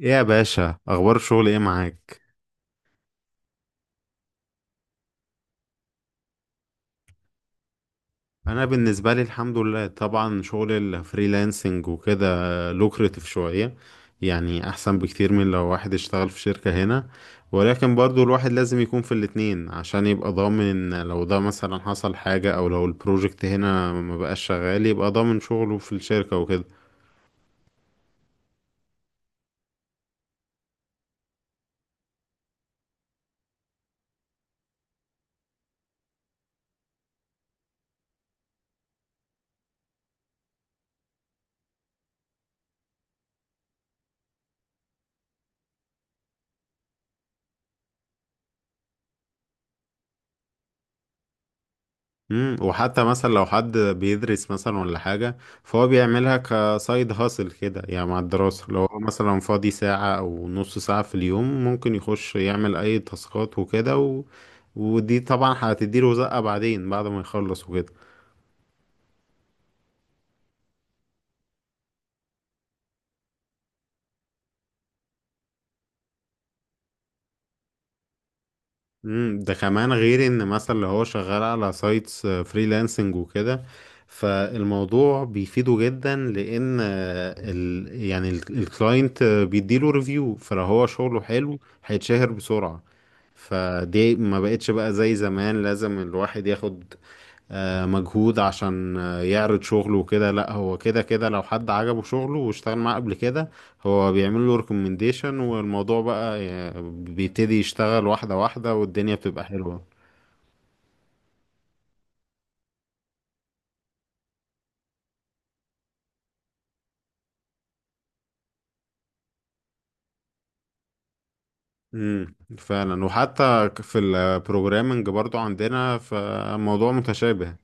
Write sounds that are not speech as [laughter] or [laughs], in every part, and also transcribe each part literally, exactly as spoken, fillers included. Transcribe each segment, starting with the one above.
ايه يا باشا، اخبار الشغل ايه معاك؟ انا بالنسبه لي الحمد لله، طبعا شغل الفريلانسنج وكده لوكريتيف شويه، يعني احسن بكتير من لو واحد اشتغل في شركه هنا. ولكن برضو الواحد لازم يكون في الاتنين عشان يبقى ضامن، لو ده مثلا حصل حاجه او لو البروجكت هنا ما بقاش شغال يبقى ضامن شغله في الشركه وكده. امم وحتى مثلا لو حد بيدرس مثلا ولا حاجة، فهو بيعملها كسايد هاسل كده، يعني مع الدراسة لو هو مثلا فاضي ساعة أو نص ساعة في اليوم ممكن يخش يعمل أي تاسكات وكده و... ودي طبعا هتديله زقة بعدين بعد ما يخلص وكده. امم ده كمان غير ان مثلا اللي هو شغال على سايتس فريلانسنج وكده، فالموضوع بيفيده جدا لان آه، ال يعني الكلاينت بيديله ريفيو، فلو هو شغله حلو هيتشهر بسرعة. فدي ما بقتش بقى زي زمان لازم الواحد ياخد آه، مجهود عشان آه، يعرض شغله وكده، لا هو كده كده لو حد عجبه شغله واشتغل معاه قبل كده هو بيعمل له ريكومنديشن، والموضوع بقى آه، بيبتدي يشتغل واحدة واحدة والدنيا بتبقى حلوة. امم فعلا، وحتى في البروجرامنج برضو عندنا فموضوع متشابه،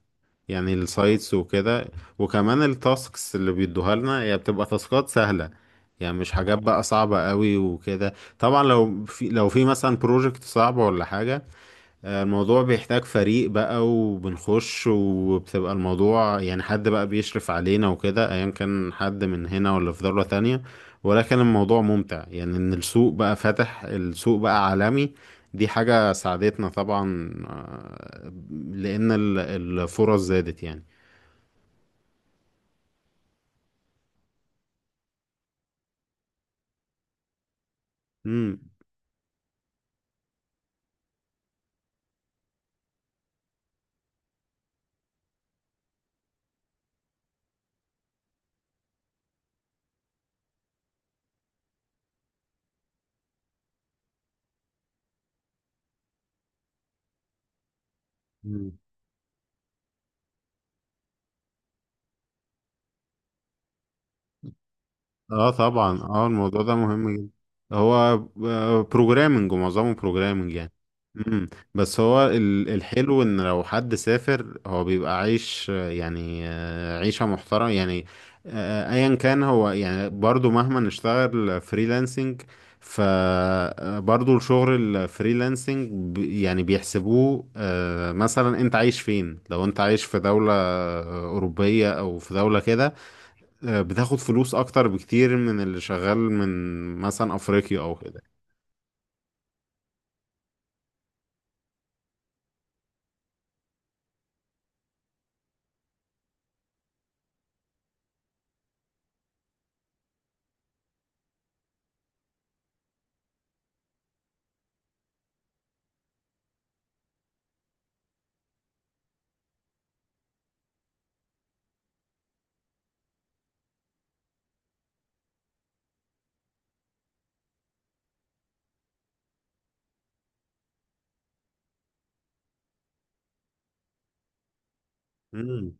يعني السايتس وكده. وكمان التاسكس اللي بيدوها لنا هي بتبقى تاسكات سهلة، يعني مش حاجات بقى صعبة قوي وكده. طبعا لو في لو في مثلا بروجكت صعب ولا حاجة، آه، الموضوع بيحتاج فريق بقى وبنخش وبتبقى الموضوع يعني حد بقى بيشرف علينا وكده، ايا كان حد من هنا ولا في دولة تانية. ولكن الموضوع ممتع، يعني ان السوق بقى فاتح، السوق بقى عالمي. دي حاجة ساعدتنا طبعا، آه، لان ال- الفرص زادت يعني. مم. اه طبعا، اه الموضوع ده مهم جدا. هو بروجرامنج، ومعظمه بروجرامنج يعني. امم بس هو ال- الحلو ان لو حد سافر هو بيبقى عايش، آه، يعني آه، عيشة محترمة يعني. آه، ايا كان هو يعني برضو مهما نشتغل فريلانسنج، فبرضو الشغل الفريلانسنج ب- يعني بيحسبوه، آه، مثلا انت عايش فين، لو انت عايش في دولة آه، أوروبية او في دولة كده آه، بتاخد فلوس اكتر بكتير من اللي شغال من مثلا افريقيا او كده. امم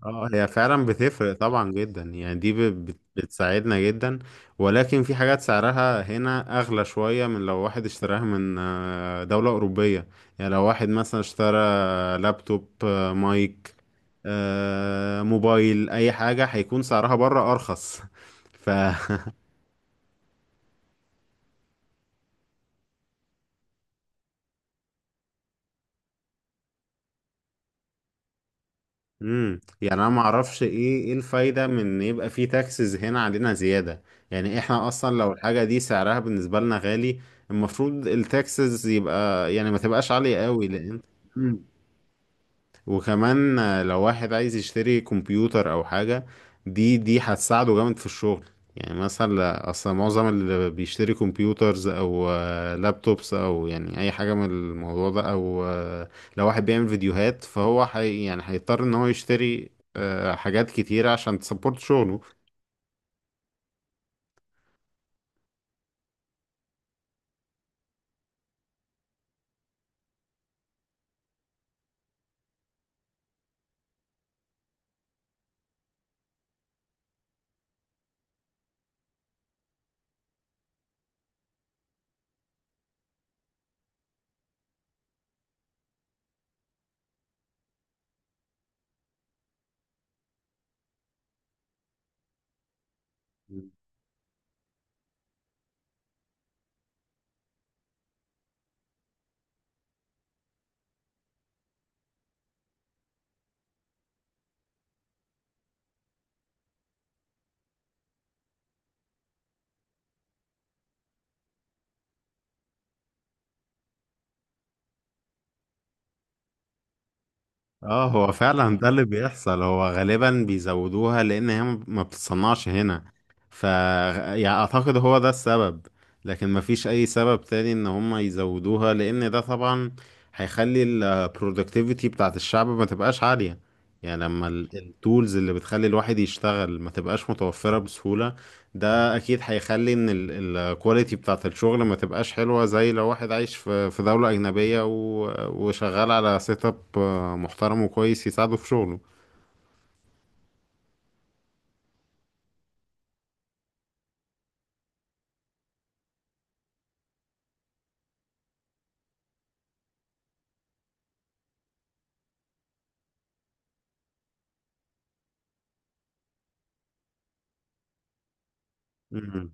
اه، هي فعلا بتفرق طبعا جدا، يعني دي بت- بت- بتساعدنا جدا. ولكن في حاجات سعرها هنا اغلى شوية من لو واحد اشتراها من آه، دولة اوروبية. يعني لو واحد مثلا اشترى لابتوب، آه، مايك، آه، موبايل، اي حاجة هيكون سعرها بره ارخص. [laughs] ف امم يعني انا ما اعرفش ايه ايه الفايده من ان يبقى في تاكسز هنا علينا زياده. يعني احنا اصلا لو الحاجه دي سعرها بالنسبه لنا غالي، المفروض التاكسز يبقى يعني ما تبقاش عاليه قوي لان، وكمان آه، لو واحد عايز يشتري كمبيوتر او حاجة دي دي هتساعده جامد في الشغل. يعني مثلا اصلا معظم اللي بيشتري كمبيوترز او آه، لابتوبس او يعني اي حاجة من الموضوع ده او آه، لو واحد بيعمل فيديوهات فهو حي، يعني هيضطر ان هو يشتري آه، حاجات كتيرة عشان تسبورت شغله. اه هو فعلا ده اللي بيحصل، هو غالبا بيزودوها لان هي ما ما بتتصنعش هنا. ف يعني اعتقد هو ده السبب، لكن ما فيش اي سبب تاني ان هم يزودوها، لان ده طبعا هيخلي البرودكتيفيتي بتاعت الشعب ما تبقاش عالية. يعني لما التولز اللي بتخلي الواحد يشتغل ما تبقاش متوفرة بسهولة، ده اكيد هيخلي ان الكواليتي بتاعت الشغل ما تبقاش حلوة، زي لو واحد عايش في في دولة اجنبية و- وشغال على سيت اب محترم وكويس يساعده في شغله. مم.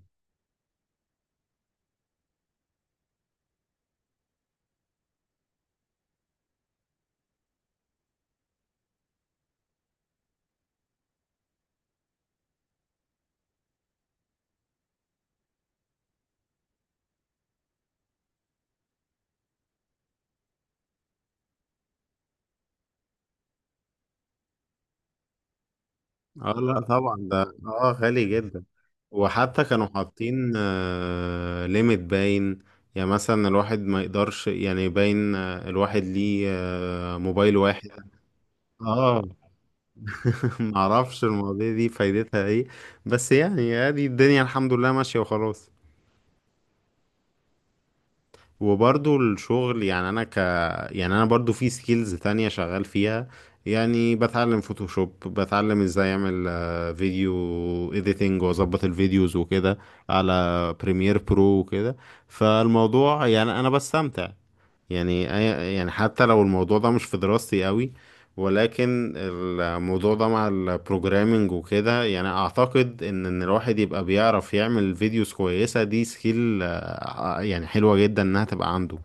اه لا طبعا، ده اه غالي جدا. وحتى كانوا حاطين آه ليميت باين، يعني مثلا الواحد ما يقدرش، يعني باين آه، الواحد ليه آه موبايل واحد. اه. [laughs] معرفش المواضيع دي فايدتها ايه. بس يعني ادي الدنيا الحمد لله ماشية وخلاص. وبرضو الشغل يعني انا ك يعني انا برضو في سكيلز تانية شغال فيها، يعني بتعلم فوتوشوب، بتعلم ازاي اعمل آه، فيديو اديتنج واظبط الفيديوز وكده على بريمير برو وكده. فالموضوع يعني انا بستمتع، يعني أي- يعني حتى لو الموضوع ده مش في دراستي قوي، ولكن الموضوع ده مع البروجرامينج وكده، يعني اعتقد ان ان الواحد يبقى بيعرف يعمل فيديوز كويسة، دي سكيل آه، يعني حلوة جدا انها تبقى عنده.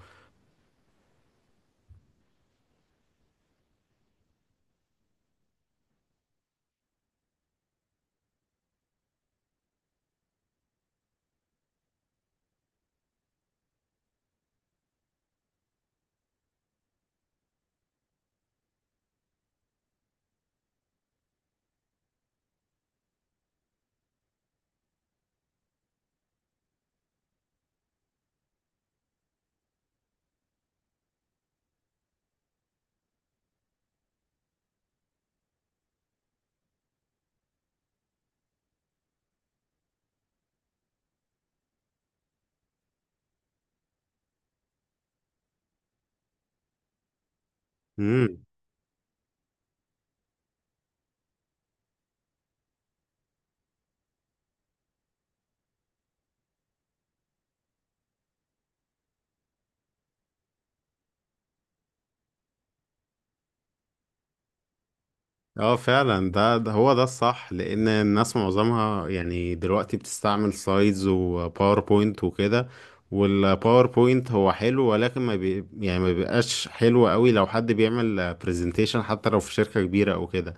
امم اه فعلا، ده, ده هو ده الصح، لان الناس معظمها يعني دلوقتي بتستعمل سلايدز وباوربوينت وكده. والباوربوينت هو حلو، ولكن ما بي يعني ما بيبقاش حلو قوي لو حد بيعمل برزنتيشن حتى لو في شركة كبيرة او كده.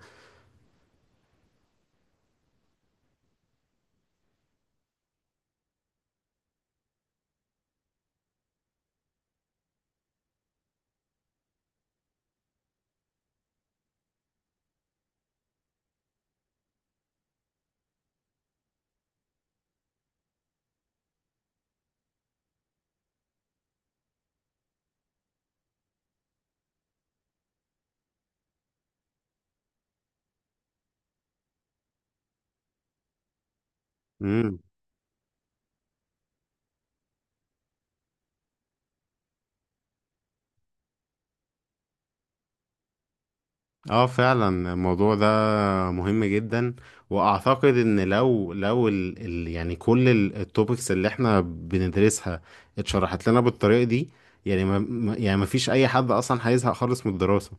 اه فعلا الموضوع ده مهم جدا، واعتقد ان لو لو ال ال يعني كل التوبكس اللي احنا بندرسها اتشرحت لنا بالطريقه دي، يعني ما ما- يعني ما فيش اي حد اصلا هيزهق خالص من الدراسه.